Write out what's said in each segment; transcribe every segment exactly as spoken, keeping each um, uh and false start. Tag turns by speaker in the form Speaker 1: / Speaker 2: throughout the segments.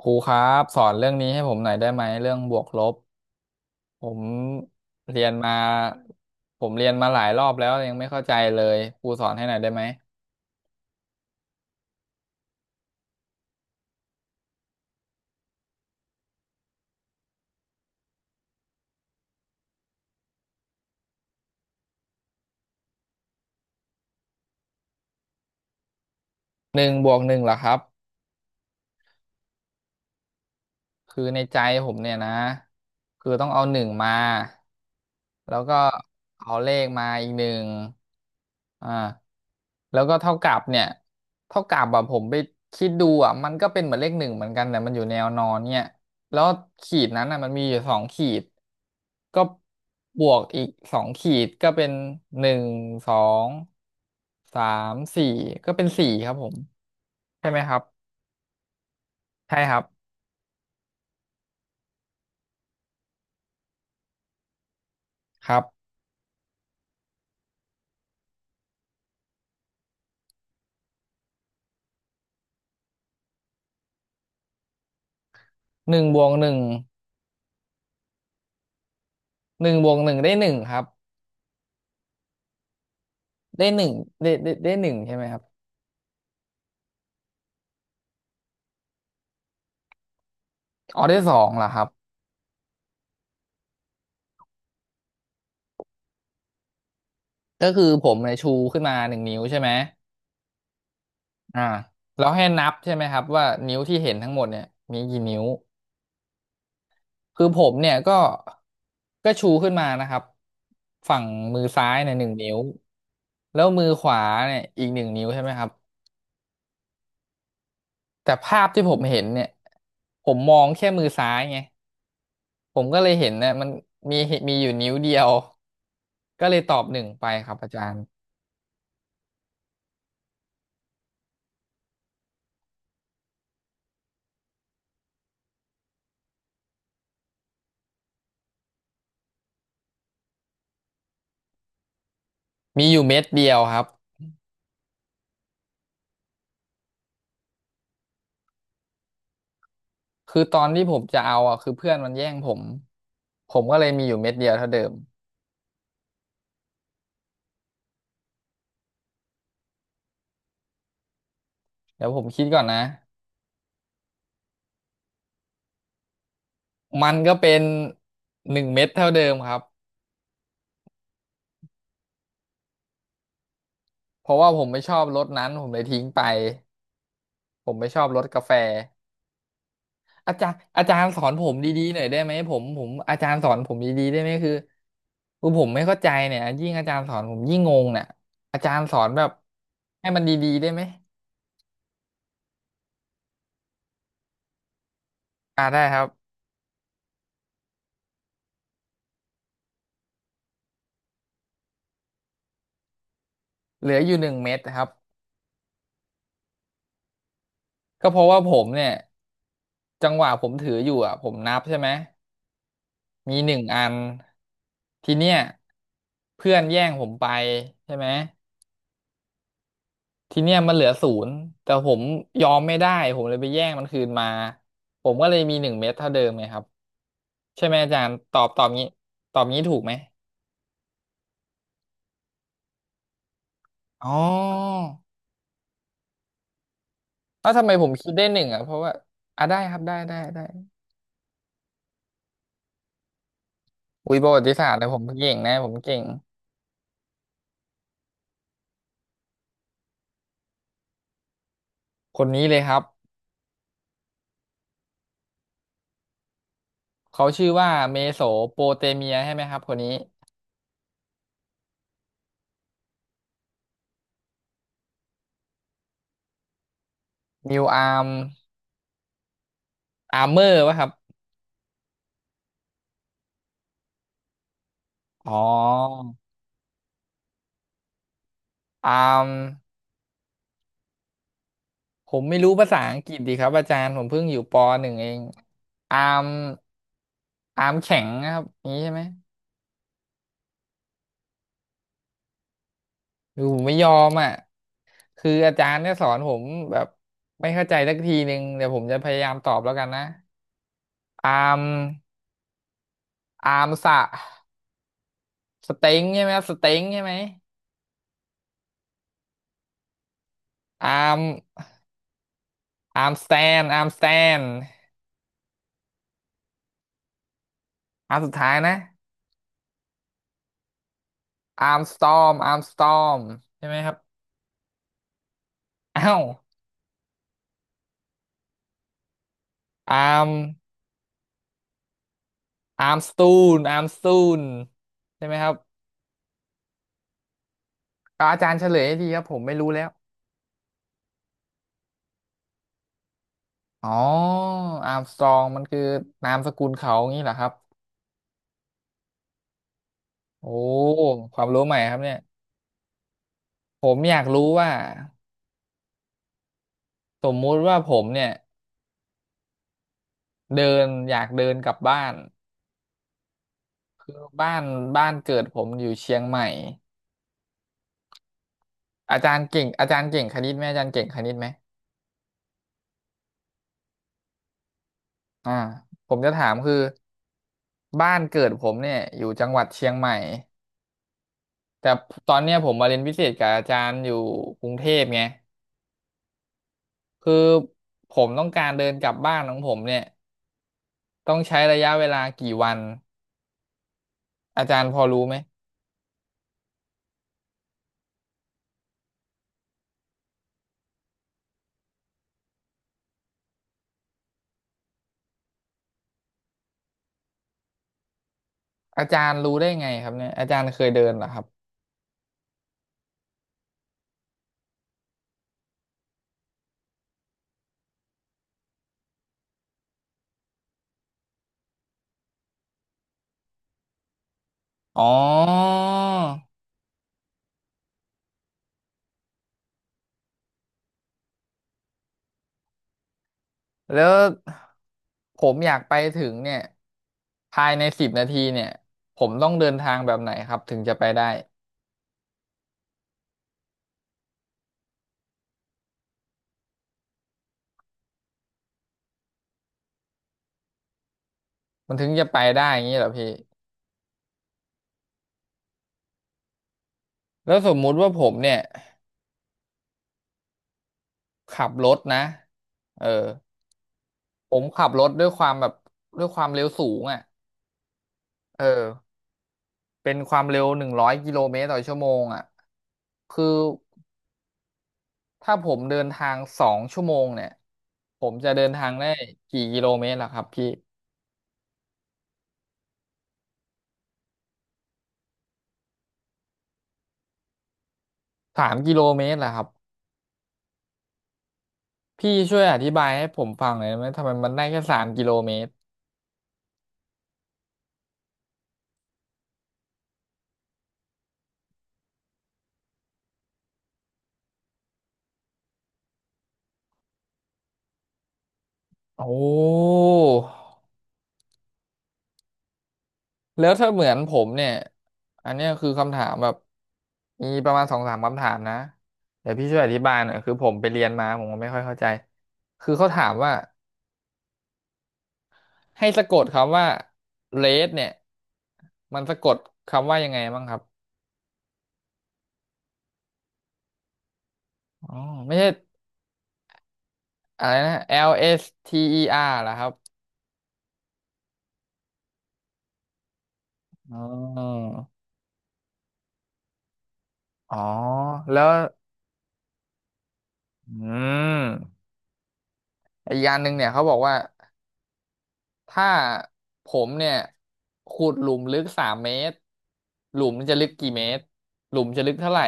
Speaker 1: ครูครับสอนเรื่องนี้ให้ผมหน่อยได้ไหมเรื่องบวกลบผมเรียนมาผมเรียนมาหลายรอบแล้วยังไม่เข้าใจเลยครูสอนให้หน่อยได้ไหมหนึ่งบวกหนึ่งเหรอครับ คือในใจผมเนี่ยนะคือต้องเอาหนึ่งมาแล้วก็เอาเลขมาอีกหนึ่งอ่าแล้วก็เท่ากับเนี่ยเท่ากับแบบผมไปคิดดูอ่ะมันก็เป็นเหมือนเลขหนึ่งเหมือนกันแต่มันอยู่แนวนอนเนี่ยแล้วขีดนั้นอ่ะมันมีอยู่สองขีดก็บวกอีกสองขีดก็เป็นหนึ่งสองสามสี่ก็เป็นสี่ครับผมใช่ไหมครับใช่ครับครับหนึ่งบวกหนึ่ง หนึ่งบวกหนึ่งได้หนึ่งครับได้หนึ่งได้ได้ได้หนึ่งใช่ไหมครับอ๋อได้สองเหรอครับก็คือผมเนี่ยชูขึ้นมาหนึ่งนิ้วใช่ไหมอ่าแล้วให้นับใช่ไหมครับว่านิ้วที่เห็นทั้งหมดเนี่ยมีกี่นิ้วคือผมเนี่ยก็ก็ชูขึ้นมานะครับฝั่งมือซ้ายเนี่ยหนึ่งนิ้วแล้วมือขวาเนี่ยอีกหนึ่งนิ้วใช่ไหมครับแต่ภาพที่ผมเห็นเนี่ยผมมองแค่มือซ้ายไง ผมก็เลยเห็นนะมันมีมีอยู่นิ้วเดียวก็เลยตอบหนึ่งไปครับอาจารย์มีอยู่เม็ดเดียวครับคือตอนที่ผมจะเอาอ่ะคือเพื่อนมันแย่งผมผมก็เลยมีอยู่เม็ดเดียวเท่าเดิมเดี๋ยวผมคิดก่อนนะมันก็เป็นหนึ่งเม็ดเท่าเดิมครับเพราะว่าผมไม่ชอบรสนั้นผมเลยทิ้งไปผมไม่ชอบรสกาแฟ อาจารย์อาจารย์สอนผมดีๆหน่อยได้ไหมผมผมอาจารย์สอนผมดีๆได้ไหมคือคือผมไม่เข้าใจเนี่ยยิ่งอาจารย์สอนผมยิ่งงงเนี่ยอาจารย์สอนแบบให้มันดีๆได้ไหมอ่าได้ครับเหลืออยู่หนึ่งเม็ดครับก็เพราะว่าผมเนี่ยจังหวะผมถืออยู่อ่ะผมนับใช่ไหมมีหนึ่งอันทีเนี้ยเพื่อนแย่งผมไปใช่ไหม ทีเนี้ยมันเหลือศูนย์แต่ผมยอมไม่ได้ผมเลยไปแย่งมันคืนมาผมก็เลยมีหนึ่งเม็ดเท่าเดิมไงครับใช่ไหมอาจารย์ตอบตอบงี้ตอบงี้ถูกไหมอ๋อแล้วทำไมผมคิดได้หนึ่งอ่ะเพราะว่าอ่ะได้ครับได้ได้ได้อุ้ยประวัติศาสตร์เนี่ยผมเก่งนะผมเก่งคนนี้เลยครับเขาชื่อว่าเมโสโปเตเมียใช่ไหมครับคนนี้นิวอาร์มอาร์เมอร์ป่ะครับอ๋ออาร์ม ผมไม่รู้ภาษาอังกฤษดีครับอาจารย์ผมเพิ่งอยู่ปหนึ่งเองอาร์มอาร์มแข็งนะครับนี้ใช่ไหมคือผมไม่ยอมอ่ะคืออาจารย์เนี่ยสอนผมแบบไม่เข้าใจสักทีหนึ่งเดี๋ยวผมจะพยายามตอบแล้วกันนะอาร์มอาร์มสะสเต็งใช่ไหมครับสเต็งใช่ไหมอาร์มอาร์มสแตนอาร์มสแตนอาร์มสุดท้ายนะอาร์มสตอมอาร์มสตอมใช่ไหมครับอ้าวอาร์มอาร์มสตูนอาร์มสตูนใช่ไหมครับ ก็อาจารย์เฉลยให้ทีครับผมไม่รู้แล้วอ๋ออาร์มสตรองมันคือนามสกุลเขางี้เหรอครับโอ้ความรู้ใหม่ครับเนี่ยผมอยากรู้ว่าสมมุติว่าผมเนี่ยเดินอยากเดินกลับบ้านคือบ้านบ้านเกิดผมอยู่เชียงใหม่อาจารย์เก่งอาจารย์เก่งคณิตไหมอาจารย์เก่งคณิตไหมอ่าผมจะถามคือบ้านเกิดผมเนี่ยอยู่จังหวัดเชียงใหม่แต่ตอนเนี้ยผมมาเรียนพิเศษกับอาจารย์อยู่กรุงเทพไง คือผมต้องการเดินกลับบ้านของผมเนี่ยต้องใช้ระยะเวลากี่วันอาจารย์พอรู้ไหมอาจารย์รู้ได้ไงครับเนี่ยอาจารย์เคยเดินเหรอครับอ๋อแล้วผมอยากไปถึงเนี่ยภายในสิบนาทีเนี่ยผมต้องเดินทางแบบไหนครับถึงจะไปได้มันถึงจะไปได้อย่างนี้เหรอพี่แล้วสมมุติว่าผมเนี่ยขับรถนะเออผมขับรถด้วยความแบบด้วยความเร็วสูงอ่ะเออ เป็นความเร็วหนึ่งร้อยกิโลเมตรต่อชั่วโมงอ่ะคือถ้าผมเดินทางสองชั่วโมงเนี่ยผมจะเดินทางได้กี่กิโลเมตรล่ะครับพี่สามกิโลเมตรล่ะครับพี่ช่วยอธิบายให้ผมฟังหน่อยได้ไหมทำไมมันได้แค่สามกิโลเมตรโอ้แล้วถ้าเหมือนผมเนี่ยอันเนี้ยคือคำถามแบบมีประมาณสองสามคำถามนะเดี๋ยวพี่ช่วยอธิบายหน่อยคือผมไปเรียนมาผมก็ไม่ค่อยเข้าใจคือเขาถามว่า ให้สะกดคำว่า เรด เนี่ย มันสะกดคำว่ายังไงบ้างครับอ๋อไม่ใช่อะไรนะ แอล เอส ที อี อาร์ เหรอครับอ๋ออ๋อ แล้วอืมอีกอย่างหนึ่งเนี่ยเขาบอกว่าถ้าผมเนี่ยขุดหลุมลึกสามเมตร หลุมจะลึกกี่เมตร หลุมจะลึกเท่าไหร่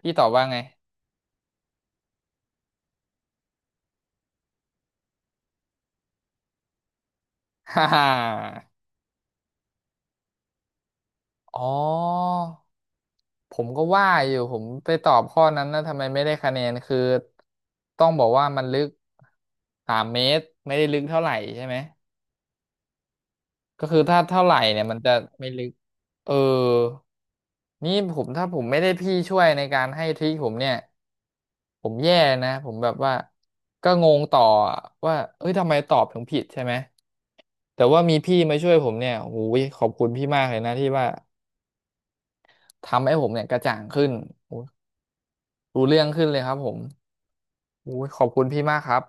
Speaker 1: พี่ตอบว่าไง ฮ่าฮ่าอ๋อ ผมก็ว่าอยู่ผมไปตอบข้อนั้นนะทำไมไม่ได้คะแนนคือต้องบอกว่ามันลึกสามเมตรไม่ได้ลึกเท่าไหร่ใช่ไหมก็คือถ้าเท่าไหร่เนี่ยมันจะไม่ลึกเออนี่ผมถ้าผมไม่ได้พี่ช่วยในการให้ทริคผมเนี่ยผมแย่นะผมแบบว่าก็งงต่อว่าเอ้ยทำไมตอบถึงผิดใช่ไหมแต่ว่ามีพี่มาช่วยผมเนี่ยโอ้ยขอบคุณพี่มากเลยนะที่ว่าทำให้ผมเนี่ยกระจ่างขึ้น รู้เรื่องขึ้นเลยครับผมอุ้ยขอบคุณพี่มากครับ